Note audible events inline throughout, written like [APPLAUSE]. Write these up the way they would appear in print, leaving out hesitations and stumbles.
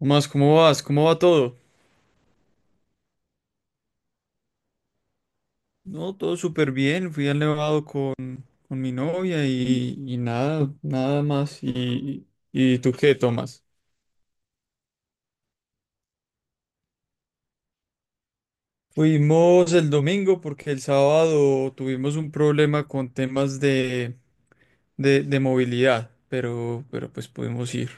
Más, ¿cómo vas? ¿Cómo va todo? No, todo súper bien. Fui al Nevado con mi novia y nada más. ¿Y tú qué, Tomás? Fuimos el domingo porque el sábado tuvimos un problema con temas de movilidad, pero pues pudimos ir.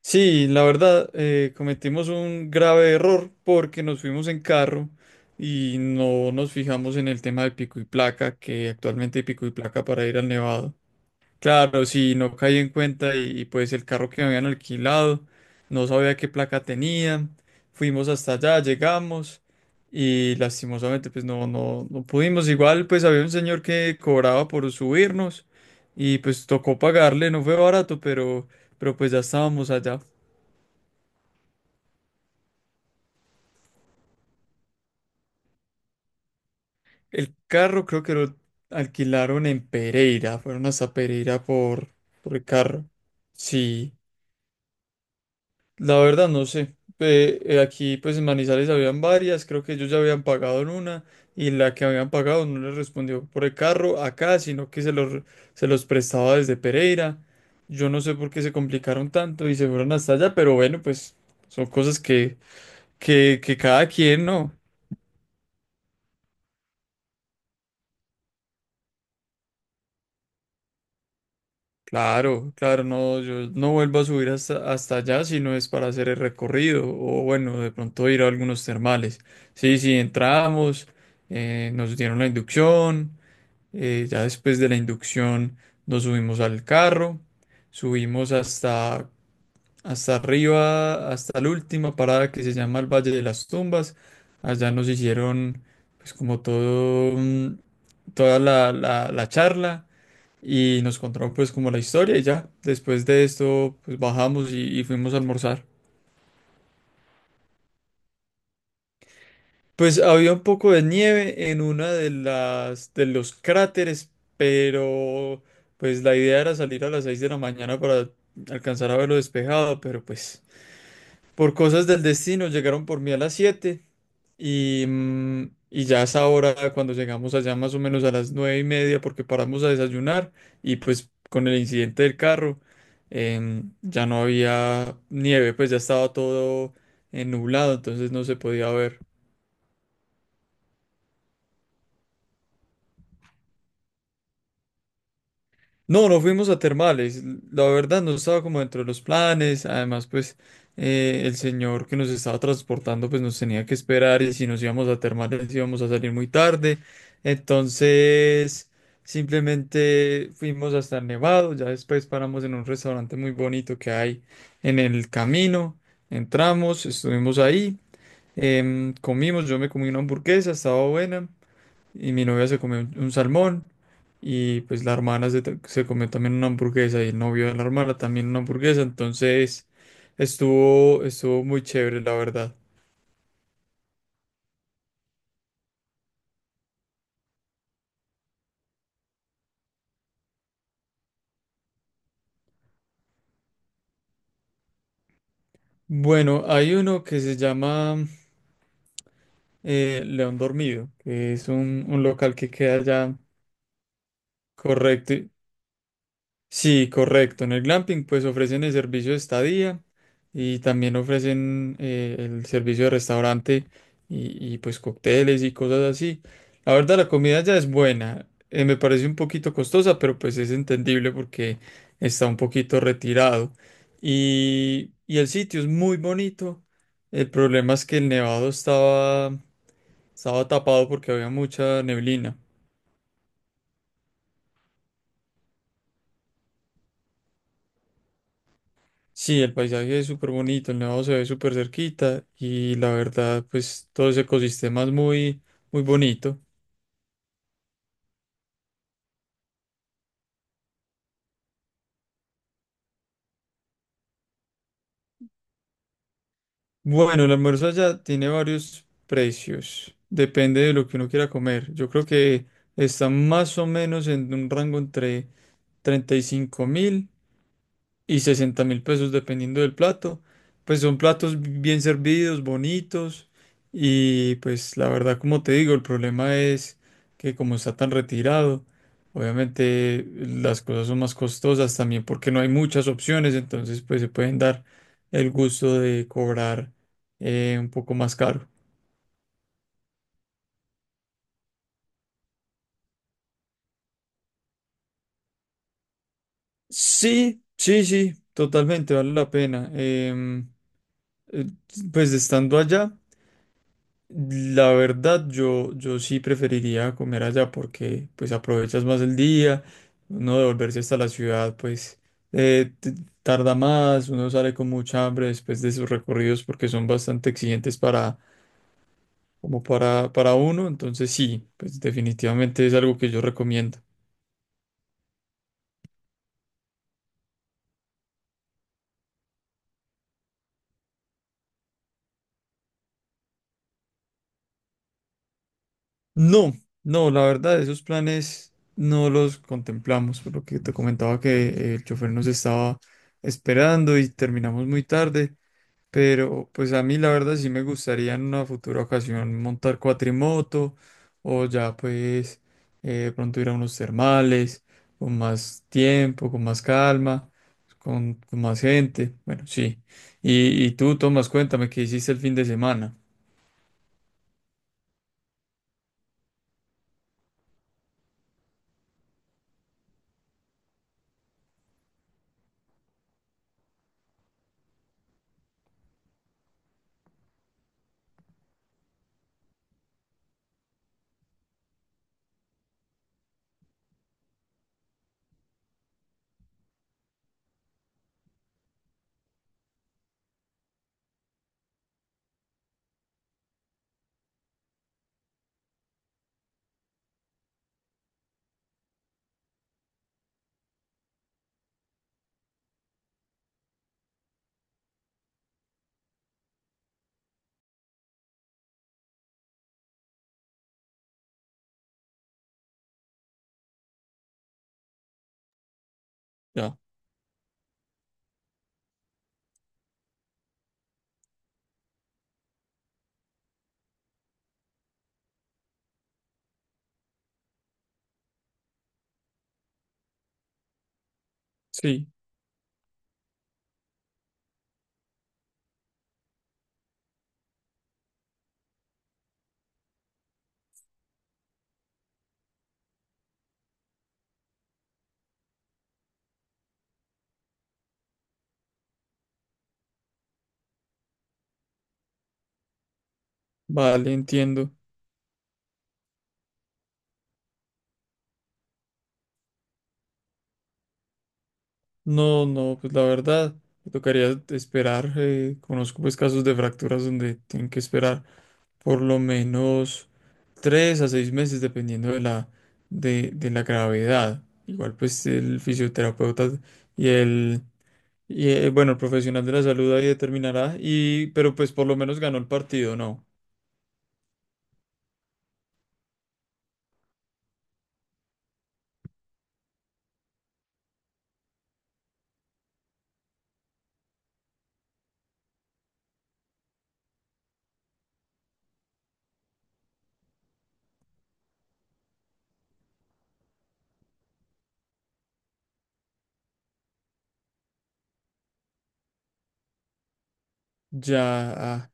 Sí, la verdad, cometimos un grave error porque nos fuimos en carro y no nos fijamos en el tema de pico y placa, que actualmente hay pico y placa para ir al Nevado. Claro, sí, no caí en cuenta pues el carro que me habían alquilado, no sabía qué placa tenía, fuimos hasta allá, llegamos y lastimosamente pues no pudimos, igual pues había un señor que cobraba por subirnos y pues tocó pagarle, no fue barato, pero pues ya estábamos allá. El carro creo que lo alquilaron en Pereira, fueron hasta Pereira por el carro, sí. La verdad no sé. Aquí pues en Manizales habían varias, creo que ellos ya habían pagado en una y la que habían pagado no les respondió por el carro acá, sino que se los prestaba desde Pereira. Yo no sé por qué se complicaron tanto y se fueron hasta allá, pero bueno, pues son cosas que cada quien, ¿no? Claro, claro, no, yo no vuelvo a subir hasta allá si no es para hacer el recorrido o bueno, de pronto ir a algunos termales. Sí, sí, entramos, nos dieron la inducción, ya después de la inducción nos subimos al carro, subimos hasta arriba, hasta la última parada que se llama el Valle de las Tumbas. Allá nos hicieron pues como todo, toda la charla y nos contaron pues como la historia y ya. Después de esto pues bajamos y fuimos a almorzar. Pues había un poco de nieve en una de las de los cráteres, pero pues la idea era salir a las 6 de la mañana para alcanzar a verlo despejado, pero pues por cosas del destino, llegaron por mí a las 7 y, mm, y ya a esa hora, cuando llegamos allá más o menos a las 9:30, porque paramos a desayunar y pues con el incidente del carro ya no había nieve, pues ya estaba todo nublado, entonces no se podía ver. No, no fuimos a termales. La verdad no estaba como dentro de los planes. Además, pues el señor que nos estaba transportando pues nos tenía que esperar y si nos íbamos a termales íbamos a salir muy tarde. Entonces, simplemente fuimos hasta el Nevado. Ya después paramos en un restaurante muy bonito que hay en el camino. Entramos, estuvimos ahí, comimos, yo me comí una hamburguesa, estaba buena y mi novia se comió un salmón y pues la hermana se comió también una hamburguesa y el novio de la hermana también una hamburguesa, entonces estuvo muy chévere, la verdad. Bueno, hay uno que se llama León Dormido, que es un local que queda allá correcto. Sí, correcto. En el glamping pues ofrecen el servicio de estadía y también ofrecen el servicio de restaurante pues cócteles y cosas así. La verdad la comida ya es buena. Me parece un poquito costosa, pero pues es entendible porque está un poquito retirado. Y el sitio es muy bonito. El problema es que el nevado estaba tapado porque había mucha neblina. Sí, el paisaje es súper bonito, el nevado se ve súper cerquita y la verdad, pues todo ese ecosistema es muy, muy bonito. Bueno, el almuerzo allá tiene varios precios, depende de lo que uno quiera comer. Yo creo que está más o menos en un rango entre 35 mil y 60.000 pesos dependiendo del plato. Pues son platos bien servidos, bonitos y pues la verdad como te digo, el problema es que como está tan retirado, obviamente las cosas son más costosas también porque no hay muchas opciones, entonces pues se pueden dar el gusto de cobrar un poco más caro. Sí, sí, sí, totalmente vale la pena. Eh, pues estando allá. La verdad, yo sí preferiría comer allá porque pues aprovechas más el día, uno devolverse hasta la ciudad pues eh, t- tarda más, uno sale con mucha hambre después de esos recorridos porque son bastante exigentes para, como para uno, entonces sí, pues definitivamente es algo que yo recomiendo. No, no, la verdad, esos planes no los contemplamos, por lo que te comentaba que el chofer nos estaba esperando y terminamos muy tarde. Pero pues a mí la verdad sí me gustaría en una futura ocasión montar cuatrimoto o ya pues de pronto ir a unos termales con más tiempo, con más calma, con más gente. Bueno, sí. Y tú, Tomás, cuéntame qué hiciste el fin de semana. Ya. Sí, vale, entiendo. No, no, pues la verdad, me tocaría esperar. Conozco pues casos de fracturas donde tienen que esperar por lo menos 3 a 6 meses, dependiendo de la gravedad. Igual, pues el fisioterapeuta y el, bueno, el profesional de la salud ahí determinará, pero pues por lo menos ganó el partido, ¿no? Ya, ah,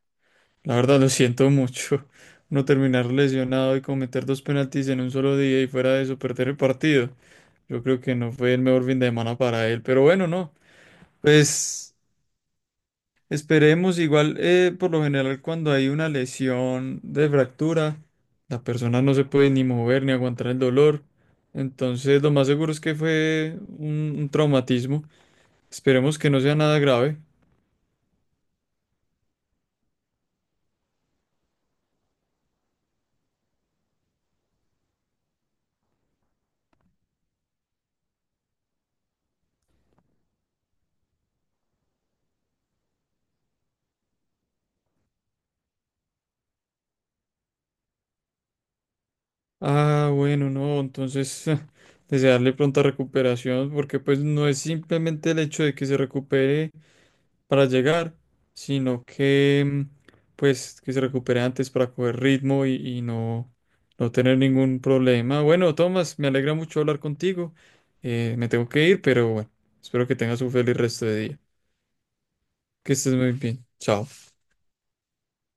la verdad lo siento mucho. [LAUGHS] No terminar lesionado y cometer dos penaltis en un solo día y fuera de eso perder el partido. Yo creo que no fue el mejor fin de semana para él, pero bueno, no. Pues esperemos, igual, por lo general, cuando hay una lesión de fractura, la persona no se puede ni mover ni aguantar el dolor. Entonces, lo más seguro es que fue un traumatismo. Esperemos que no sea nada grave. Ah, bueno, no, entonces [LAUGHS] desearle pronta recuperación, porque pues no es simplemente el hecho de que se recupere para llegar, sino que pues que se recupere antes para coger ritmo y no tener ningún problema. Bueno, Tomás, me alegra mucho hablar contigo. Me tengo que ir, pero bueno, espero que tengas un feliz resto de día. Que estés muy bien. Chao.